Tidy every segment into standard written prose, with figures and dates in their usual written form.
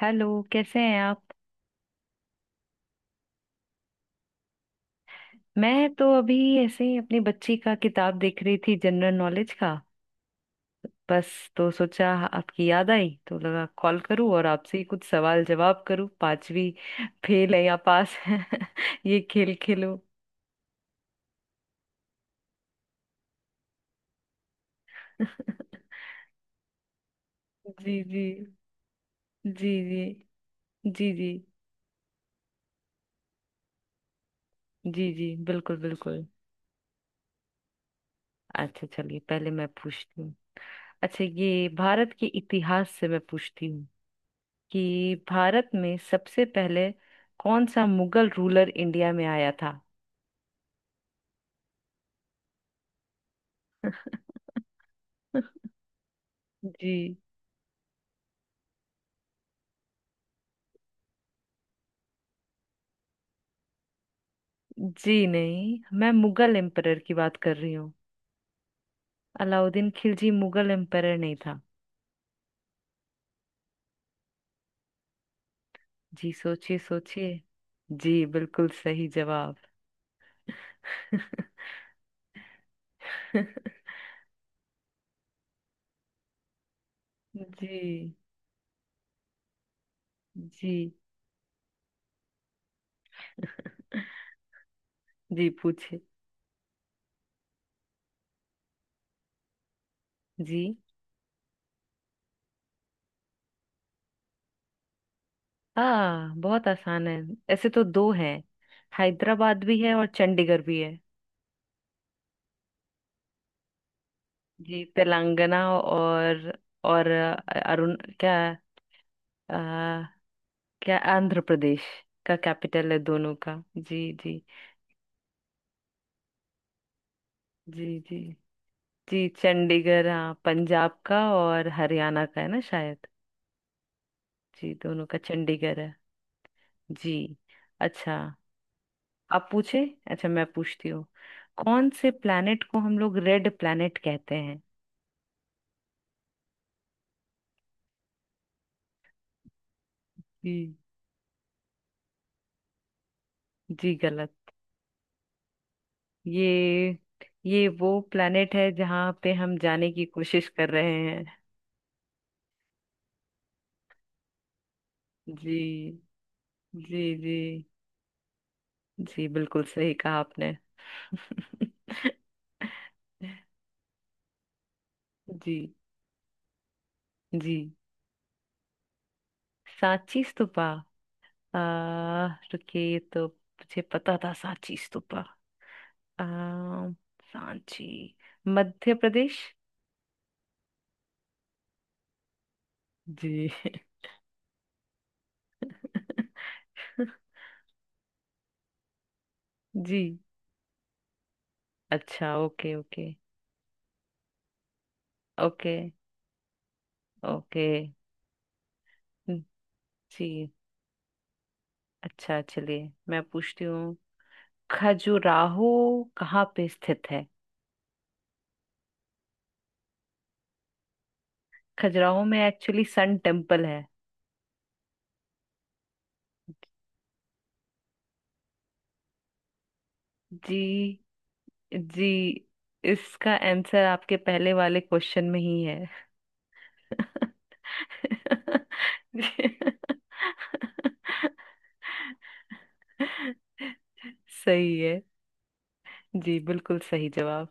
Hello, कैसे हैं आप। मैं तो अभी ऐसे ही अपनी बच्ची का किताब देख रही थी, जनरल नॉलेज का। बस, तो सोचा आपकी याद आई, तो लगा कॉल करूं और आपसे ही कुछ सवाल जवाब करूं। पांचवी फेल है या पास है ये खेल खेलो। जी जी। जी जी। जी जी। जी जी। बिल्कुल बिल्कुल। अच्छा, चलिए पहले मैं पूछती हूँ। अच्छा, ये भारत के इतिहास से मैं पूछती हूँ कि भारत में सबसे पहले कौन सा मुगल रूलर इंडिया में आया था। जी। जी नहीं, मैं मुगल एम्परर की बात कर रही हूँ। अलाउद्दीन खिलजी मुगल एम्परर नहीं था। जी, सोचिए सोचिए। जी, बिल्कुल सही जवाब। जी। जी जी पूछे। जी हाँ, बहुत आसान है। ऐसे तो दो हैं। हैदराबाद भी है और चंडीगढ़ भी है। जी, तेलंगाना और अरुण क्या अ, क्या आंध्र प्रदेश का कैपिटल है दोनों का। जी जी। जी जी। जी चंडीगढ़, हाँ, पंजाब का और हरियाणा का है ना शायद। जी, दोनों का चंडीगढ़ है। जी। अच्छा, आप पूछे। अच्छा, मैं पूछती हूँ कौन से प्लैनेट को हम लोग रेड प्लैनेट कहते हैं। जी। जी गलत। ये ये वो प्लैनेट है जहाँ पे हम जाने की कोशिश कर रहे हैं। जी जी। जी, जी बिल्कुल सही कहा आपने। जी जी। सांची स्तूपा। आ रुकिए, ये तो मुझे पता था। सांची स्तूपा। आ सांची, मध्य प्रदेश। जी। जी। अच्छा, ओके ओके। Okay okay. जी। अच्छा, चलिए मैं पूछती हूँ। खजुराहो कहाँ पे स्थित है। खजुराहो में एक्चुअली सन टेम्पल है। जी जी। इसका आंसर आपके पहले वाले क्वेश्चन में ही है। सही है। जी, बिल्कुल सही जवाब।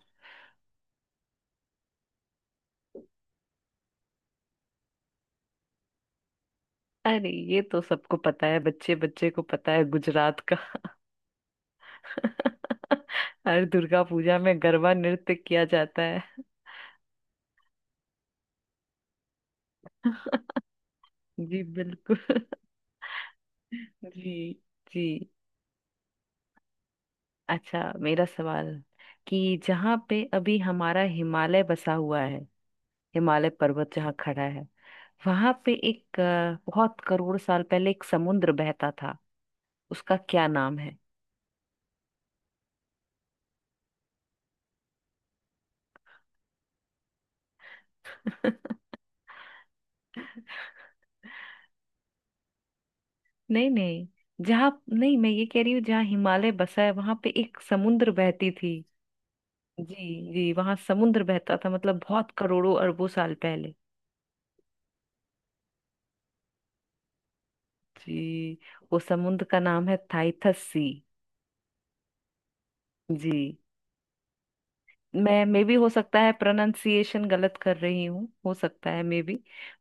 अरे, ये तो सबको पता है, बच्चे बच्चे को पता है, गुजरात का। हर दुर्गा पूजा में गरबा नृत्य किया जाता है। जी बिल्कुल। जी। जी। अच्छा, मेरा सवाल कि जहाँ पे अभी हमारा हिमालय बसा हुआ है, हिमालय पर्वत जहाँ खड़ा है, वहां पे एक बहुत करोड़ साल पहले एक समुद्र बहता था। उसका क्या नाम है। नहीं नहीं, जहाँ नहीं, मैं ये कह रही हूँ जहाँ हिमालय बसा है वहां पे एक समुद्र बहती थी। जी। जी, वहां समुद्र बहता था, मतलब बहुत करोड़ों अरबों साल पहले। जी, वो समुद्र का नाम है थाइथस सी। जी, मैं मे भी हो सकता है प्रोनाउंसिएशन गलत कर रही हूँ, हो सकता है, मे बी।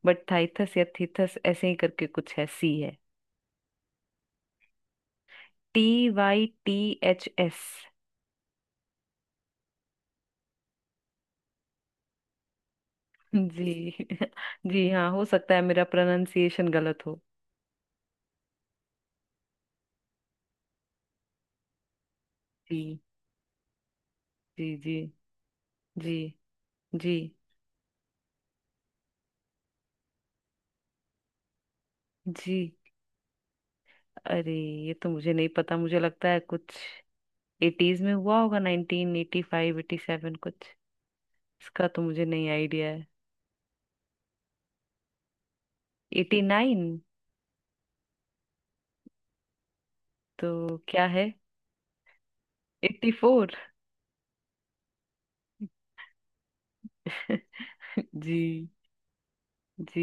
बट थाइथस या थीथस ऐसे ही करके कुछ है, सी है। T Y T H S. जी। जी हाँ, हो सकता है मेरा प्रोनाउंसिएशन गलत हो। जी जी। जी जी। जी जी। अरे, ये तो मुझे नहीं पता। मुझे लगता है कुछ एटीज में हुआ होगा। Nineteen eighty five, eighty seven कुछ। इसका तो मुझे नहीं आइडिया है। एटी नाइन तो क्या है। Eighty four. जी। जी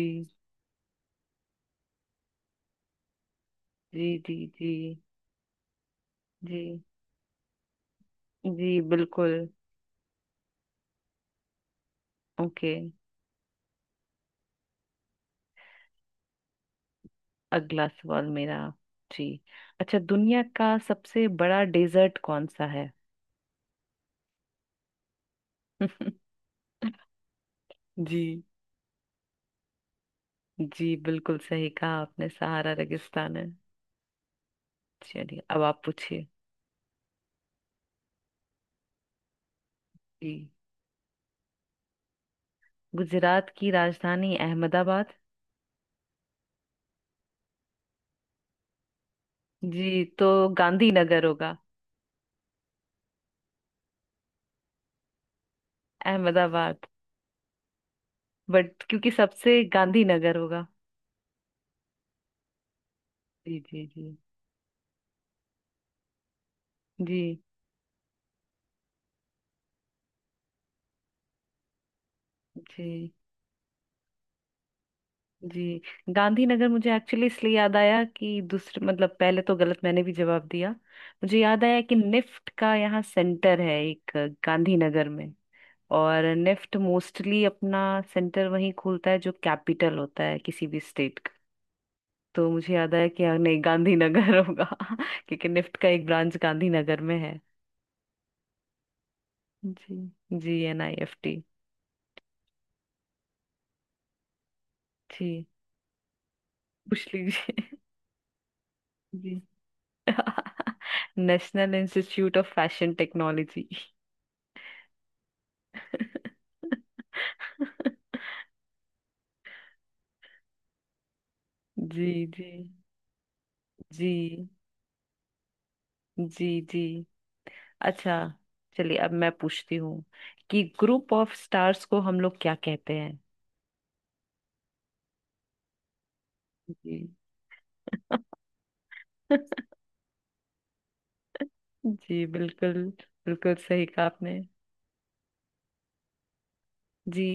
जी। जी जी। जी जी बिल्कुल। ओके। अगला सवाल मेरा। जी। अच्छा, दुनिया का सबसे बड़ा डेजर्ट कौन सा है। जी। जी, बिल्कुल सही कहा आपने, सहारा रेगिस्तान है। चलिए, अब आप पूछिए। जी, गुजरात की राजधानी अहमदाबाद। जी, तो गांधीनगर होगा। अहमदाबाद, बट क्योंकि सबसे गांधीनगर होगा। जी जी। जी जी। जी जी। गांधीनगर मुझे एक्चुअली इसलिए याद आया कि दूसरे, मतलब पहले तो गलत मैंने भी जवाब दिया। मुझे याद आया कि निफ्ट का यहाँ सेंटर है एक, गांधीनगर में। और निफ्ट मोस्टली अपना सेंटर वहीं खोलता है जो कैपिटल होता है किसी भी स्टेट का। तो मुझे याद आया कि हाँ, नहीं गांधीनगर होगा। क्योंकि निफ्ट का एक ब्रांच गांधीनगर में है। जी जी, एन आई एफ टी। जी, पूछ लीजिए। जी। National Institute of Fashion Technology. जी जी। जी जी। जी। अच्छा, चलिए अब मैं पूछती हूँ कि ग्रुप ऑफ स्टार्स को हम लोग क्या कहते हैं। जी। जी बिल्कुल। बिल्कुल सही कहा आपने। जी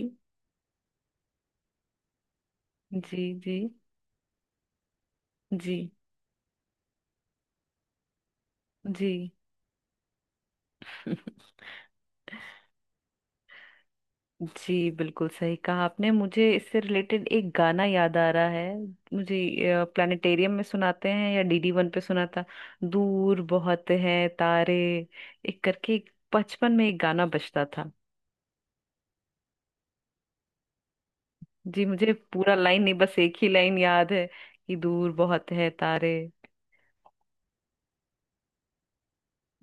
जी। जी जी। जी। जी, बिल्कुल सही कहा आपने। मुझे इससे रिलेटेड एक गाना याद आ रहा है। मुझे प्लानिटेरियम में सुनाते हैं या डीडी वन पे सुना था। दूर बहुत है तारे, एक करके एक, बचपन में एक गाना बजता था। जी, मुझे पूरा लाइन नहीं, बस एक ही लाइन याद है कि दूर बहुत है तारे।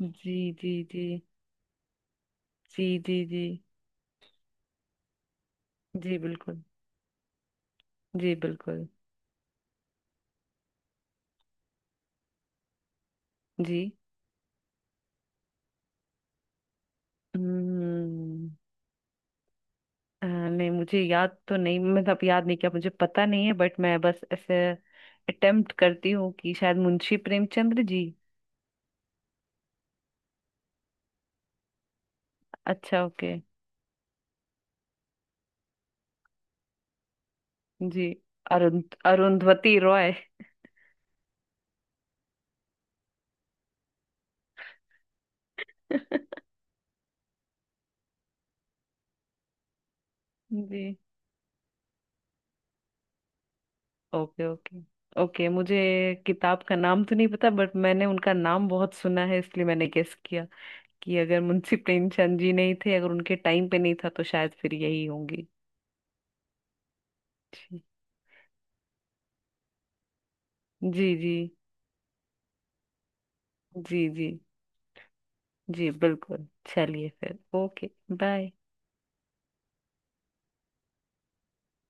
जी जी। जी जी। जी जी। जी बिल्कुल। जी बिल्कुल। जी हम्म नहीं, मुझे याद तो नहीं, मतलब याद नहीं किया, मुझे पता नहीं है। बट मैं बस ऐसे अटेम्प्ट करती हूँ कि शायद मुंशी प्रेमचंद्र जी। अच्छा, ओके। जी। अरुण अरुंधवती रॉय। जी। Okay okay. ओके, मुझे किताब का नाम तो नहीं पता, बट मैंने उनका नाम बहुत सुना है, इसलिए मैंने गेस किया कि अगर मुंशी प्रेमचंद जी नहीं थे, अगर उनके टाइम पे नहीं था, तो शायद फिर यही होंगी। जी। जी जी। जी जी। जी बिल्कुल। चलिए फिर, ओके। बाय।